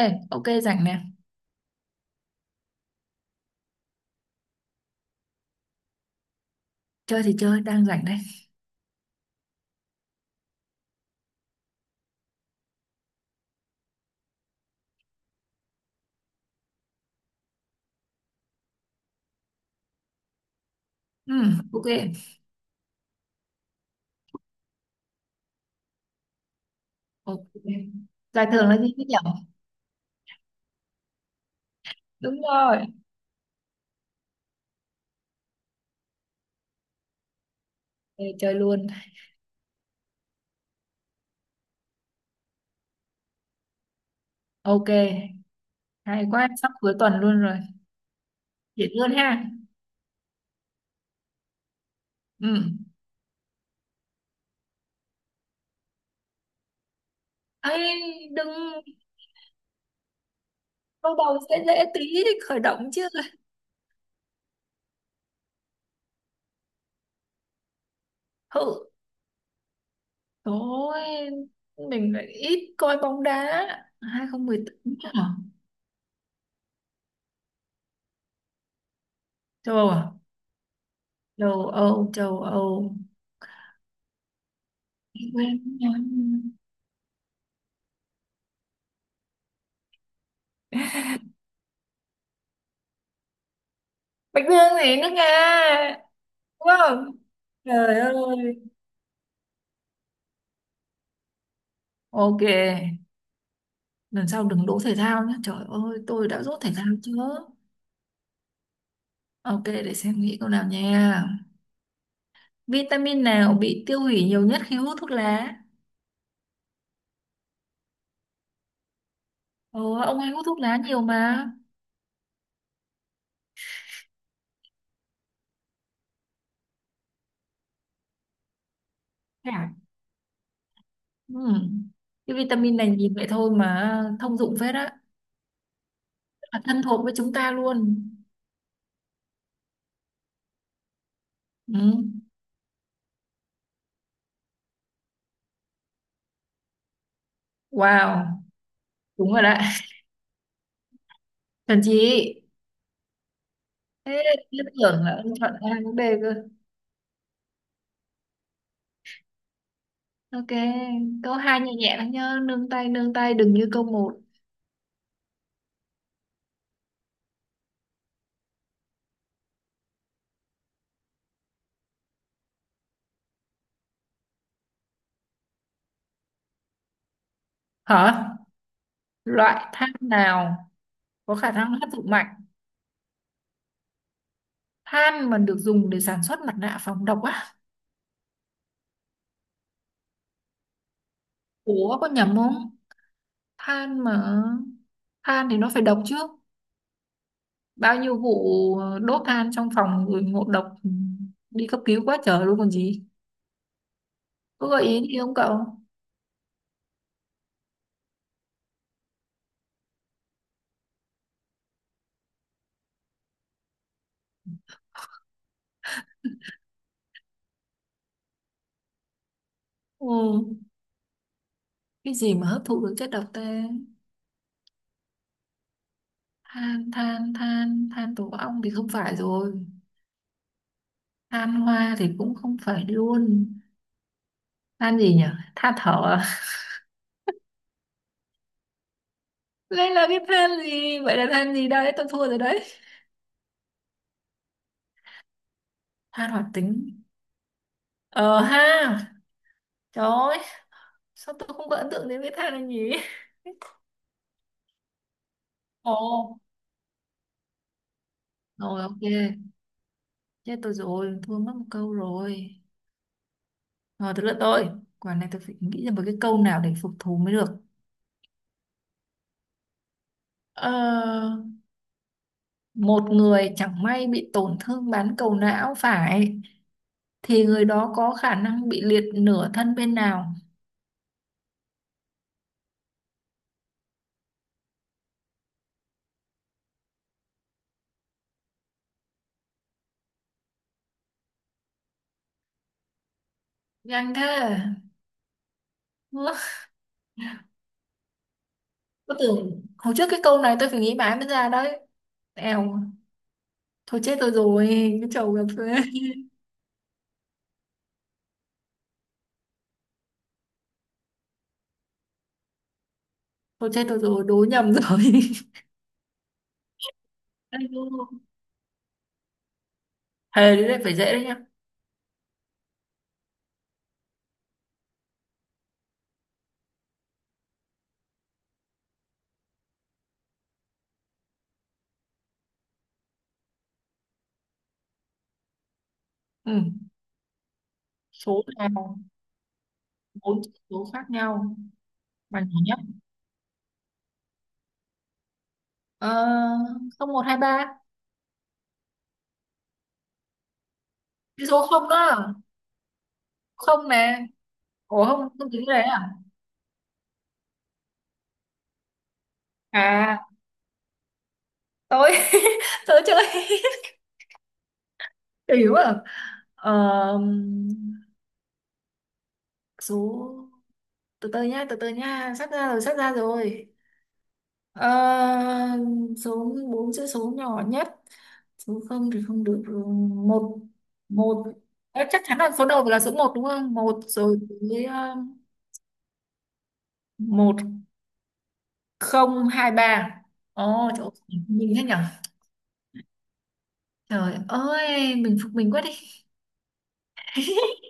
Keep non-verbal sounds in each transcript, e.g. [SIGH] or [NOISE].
Ê, ok rảnh nè. Chơi thì chơi, đang rảnh đây. Ừ, ok. Ok. Giải thưởng là gì thế nhỉ? Đúng rồi. Ê, chơi luôn. Ok. Hay quá, sắp cuối tuần luôn rồi. Dễ luôn ha. Ừ. Ê, đừng, câu đầu sẽ dễ tí, khởi động chứ. Hự. Thôi, mình lại ít coi bóng đá. 2018 hả? Châu Âu à? Châu Âu, châu Âu. Quên. Bạch Dương gì nữa nghe. Đúng không? Trời ơi. Ok, lần sau đừng đỗ thể thao nhé. Trời ơi, tôi đã rốt thể thao chưa? Ok, để xem nghĩ câu nào nha. Vitamin nào bị tiêu hủy nhiều nhất khi hút thuốc lá? Ờ, ông ấy hút thuốc lá nhiều mà. Dạ. Ừ. Cái vitamin này nhìn vậy thôi mà thông dụng phết á. Rất là thân thuộc với chúng ta luôn. Ừ. Wow, đúng rồi đấy. Thần chị. Thế, liên tưởng là ông chọn A với B cơ. Ok, câu 2 nhẹ nhẹ lắm nhá, nương tay đừng như câu một. Hả? Loại than nào có khả năng hấp thụ mạnh? Than mà được dùng để sản xuất mặt nạ phòng độc á? Ủa có nhầm không? Than mà than thì nó phải độc chứ. Bao nhiêu vụ đốt than trong phòng người ngộ độc, ừ, đi cấp cứu quá trời luôn còn gì. Có gợi ý gì không cậu? Ừ, cái gì mà hấp thụ được chất độc ta? Than, than, than, than tổ ong thì không phải rồi. Than hoa thì cũng không phải luôn, than gì nhỉ, than thở à? [LAUGHS] Đây là cái than gì vậy, là than gì, đây tôi thua rồi đấy. Than hoạt tính, ờ ha, trời ơi, sao tôi không có ấn tượng đến cái than này nhỉ. [LAUGHS] Ồ, rồi ok, chết tôi rồi, thua mất một câu rồi. Rồi tới lượt tôi, quả này tôi phải nghĩ ra một cái câu nào để phục thù mới được. ờ, Một người chẳng may bị tổn thương bán cầu não phải thì người đó có khả năng bị liệt nửa thân bên nào? Nhanh thế. Tôi tưởng hồi trước cái câu này tôi phải nghĩ mãi mới ra đấy. Eo, thôi chết tôi rồi, cái chầu cà phê. Thôi chết tôi rồi, đố nhầm rồi. [LAUGHS] Ây dô, thề đấy, đấy phải dễ đấy nhá. Ừ. Số nào bốn chữ số khác nhau bằng nhỏ nhất? Ờ, không một hai ba. Cái số không đó, không nè. Ủa không không tính cái đấy à? À tôi [LAUGHS] tôi chơi, hiểu à. Ờ, số, từ từ nhá sắp ra rồi sắp ra rồi. Ờ, số bốn chữ số nhỏ nhất, số không thì không được rồi. Một một Ờ, chắc chắn là số đầu là số một đúng không, một rồi tới, ờ, một không hai ba. Ồ chỗ, mình thế nhở. Trời ơi, mình phục mình quá đi. [LAUGHS]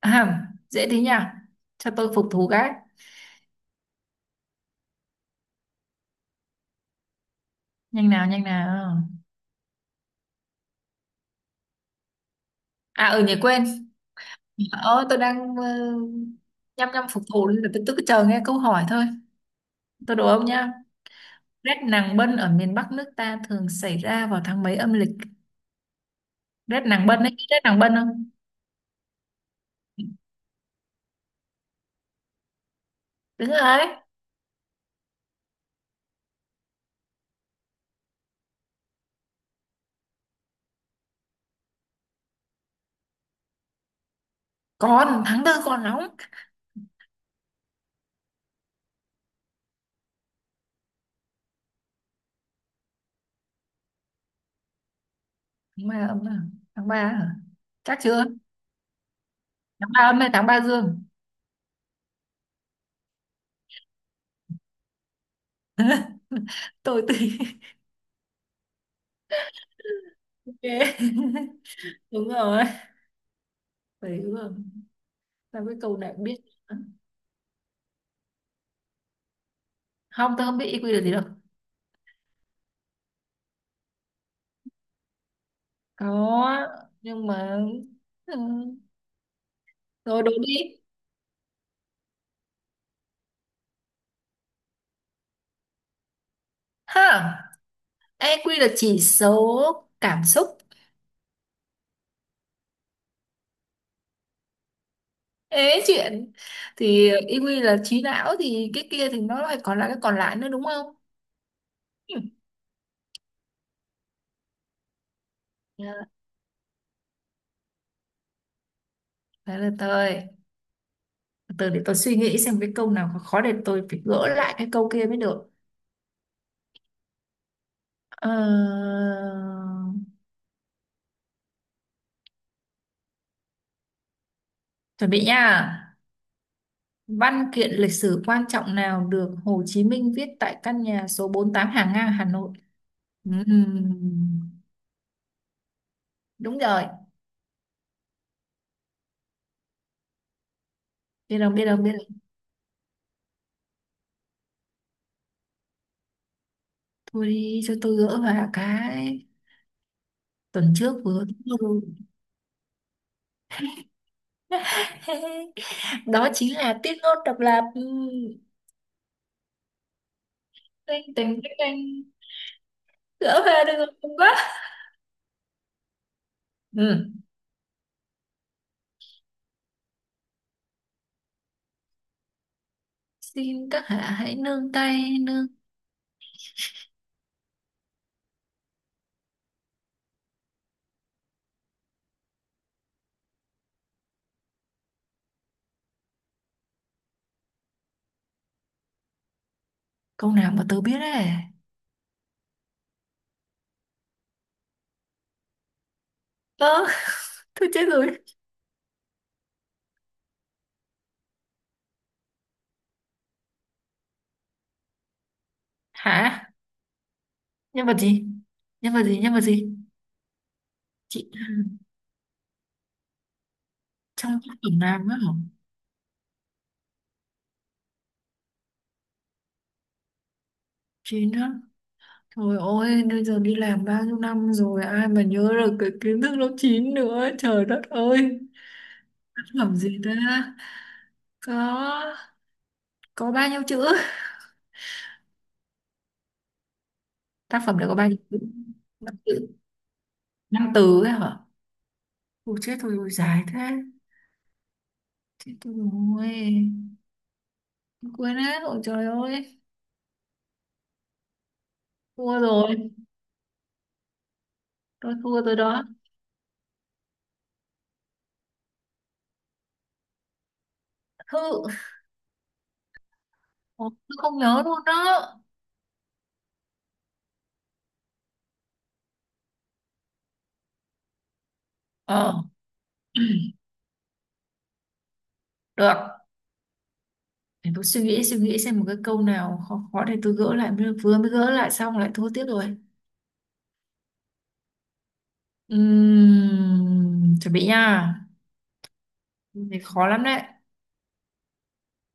À, dễ thế nhỉ, cho tôi phục thú cái. Nhanh nào, nhanh nào. À ở, ừ, nhỉ, quên. Ờ, tôi đang nhăm nhăm phục thù nên là tôi cứ chờ nghe câu hỏi thôi. Tôi đố ông nha. Rét nàng bân ở miền Bắc nước ta thường xảy ra vào tháng mấy âm lịch? Rét nàng bân ấy, biết rét nàng bân không? Đúng rồi. Còn tháng tư còn nóng. Tháng ba âm à? Tháng ba hả? Chắc chưa? Tháng ba âm hay tháng ba dương? [LAUGHS] Tôi tùy. Ok. [LAUGHS] Đúng rồi. Phải đúng rồi. Sao cái câu này cũng biết? Không, tôi không biết IQ là gì đâu. Có, nhưng mà... Ừ. Rồi đố đi. Ha! EQ là chỉ số cảm xúc. Ế chuyện, thì EQ là trí não thì cái kia thì nó lại còn là cái còn lại nữa, đúng không? Ừ. Yeah. Đấy là tôi từ để tôi suy nghĩ xem cái câu nào khó khó để tôi phải gỡ lại cái câu kia mới được. Ờ, chuẩn bị nha. Văn kiện lịch sử quan trọng nào được Hồ Chí Minh viết tại căn nhà số 48 Hàng Ngang Hà Nội? Ừm, đúng rồi, biết rồi biết rồi biết rồi. Thôi đi cho tôi gỡ vào cái, tuần trước vừa... [LAUGHS] Đó chính là tiết ngôn độc lập. Ừ, anh tình cách anh gỡ về được rồi không quá. Ừ. Xin các hạ hãy nương tay nương. Câu nào mà tớ biết đấy. Ơ, tôi chết rồi. Hả? Nhân vật gì nhân vật gì nhân vật gì Chị, trong tác phẩm làm á hả? Chị nữa. Trời ơi, bây giờ đi làm bao nhiêu năm rồi, ai mà nhớ được cái kiến thức lớp 9 nữa, trời đất ơi. Tác phẩm gì ta? Có. Có bao nhiêu chữ? Tác phẩm này có bao nhiêu chữ? Chữ- năm từ ấy hả? Ôi chết thôi, ôi dài thế, chết tôi rồi. Tôi quên hết, ôi trời ơi. Thua rồi, tôi thua rồi đó. Thư. Ồ, tôi không nhớ luôn đó. Ờ, được, để tôi suy nghĩ xem một cái câu nào khó khó để tôi gỡ lại, mới vừa mới gỡ lại xong lại thua tiếp rồi. Chuẩn bị nha. Câu này khó lắm đấy.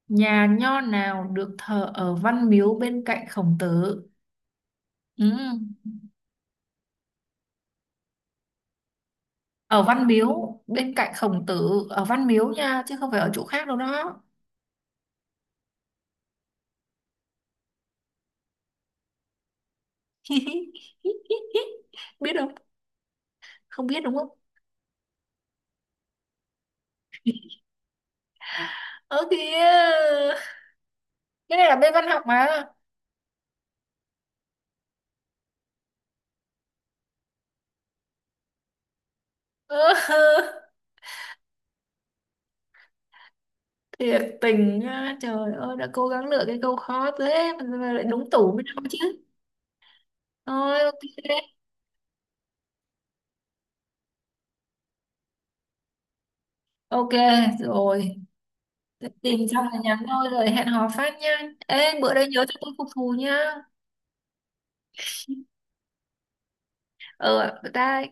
Nhà nho nào được thờ ở Văn Miếu bên cạnh Khổng Tử? Ừm, ở Văn Miếu bên cạnh Khổng Tử, ở Văn Miếu nha chứ không phải ở chỗ khác đâu đó. [LAUGHS] Biết không, không biết đúng không? Ơ kìa, cái này là bên văn học mà. Ơ, [LAUGHS] thiệt tình á, trời ơi đã cố gắng lựa cái câu khó thế mà lại đúng tủ mới đâu chứ. Thôi ok. Ok rồi. Tìm xong là nhắn thôi, rồi hẹn hò phát nha. Ê bữa đây nhớ cho tôi phục thù nha. Ờ ta.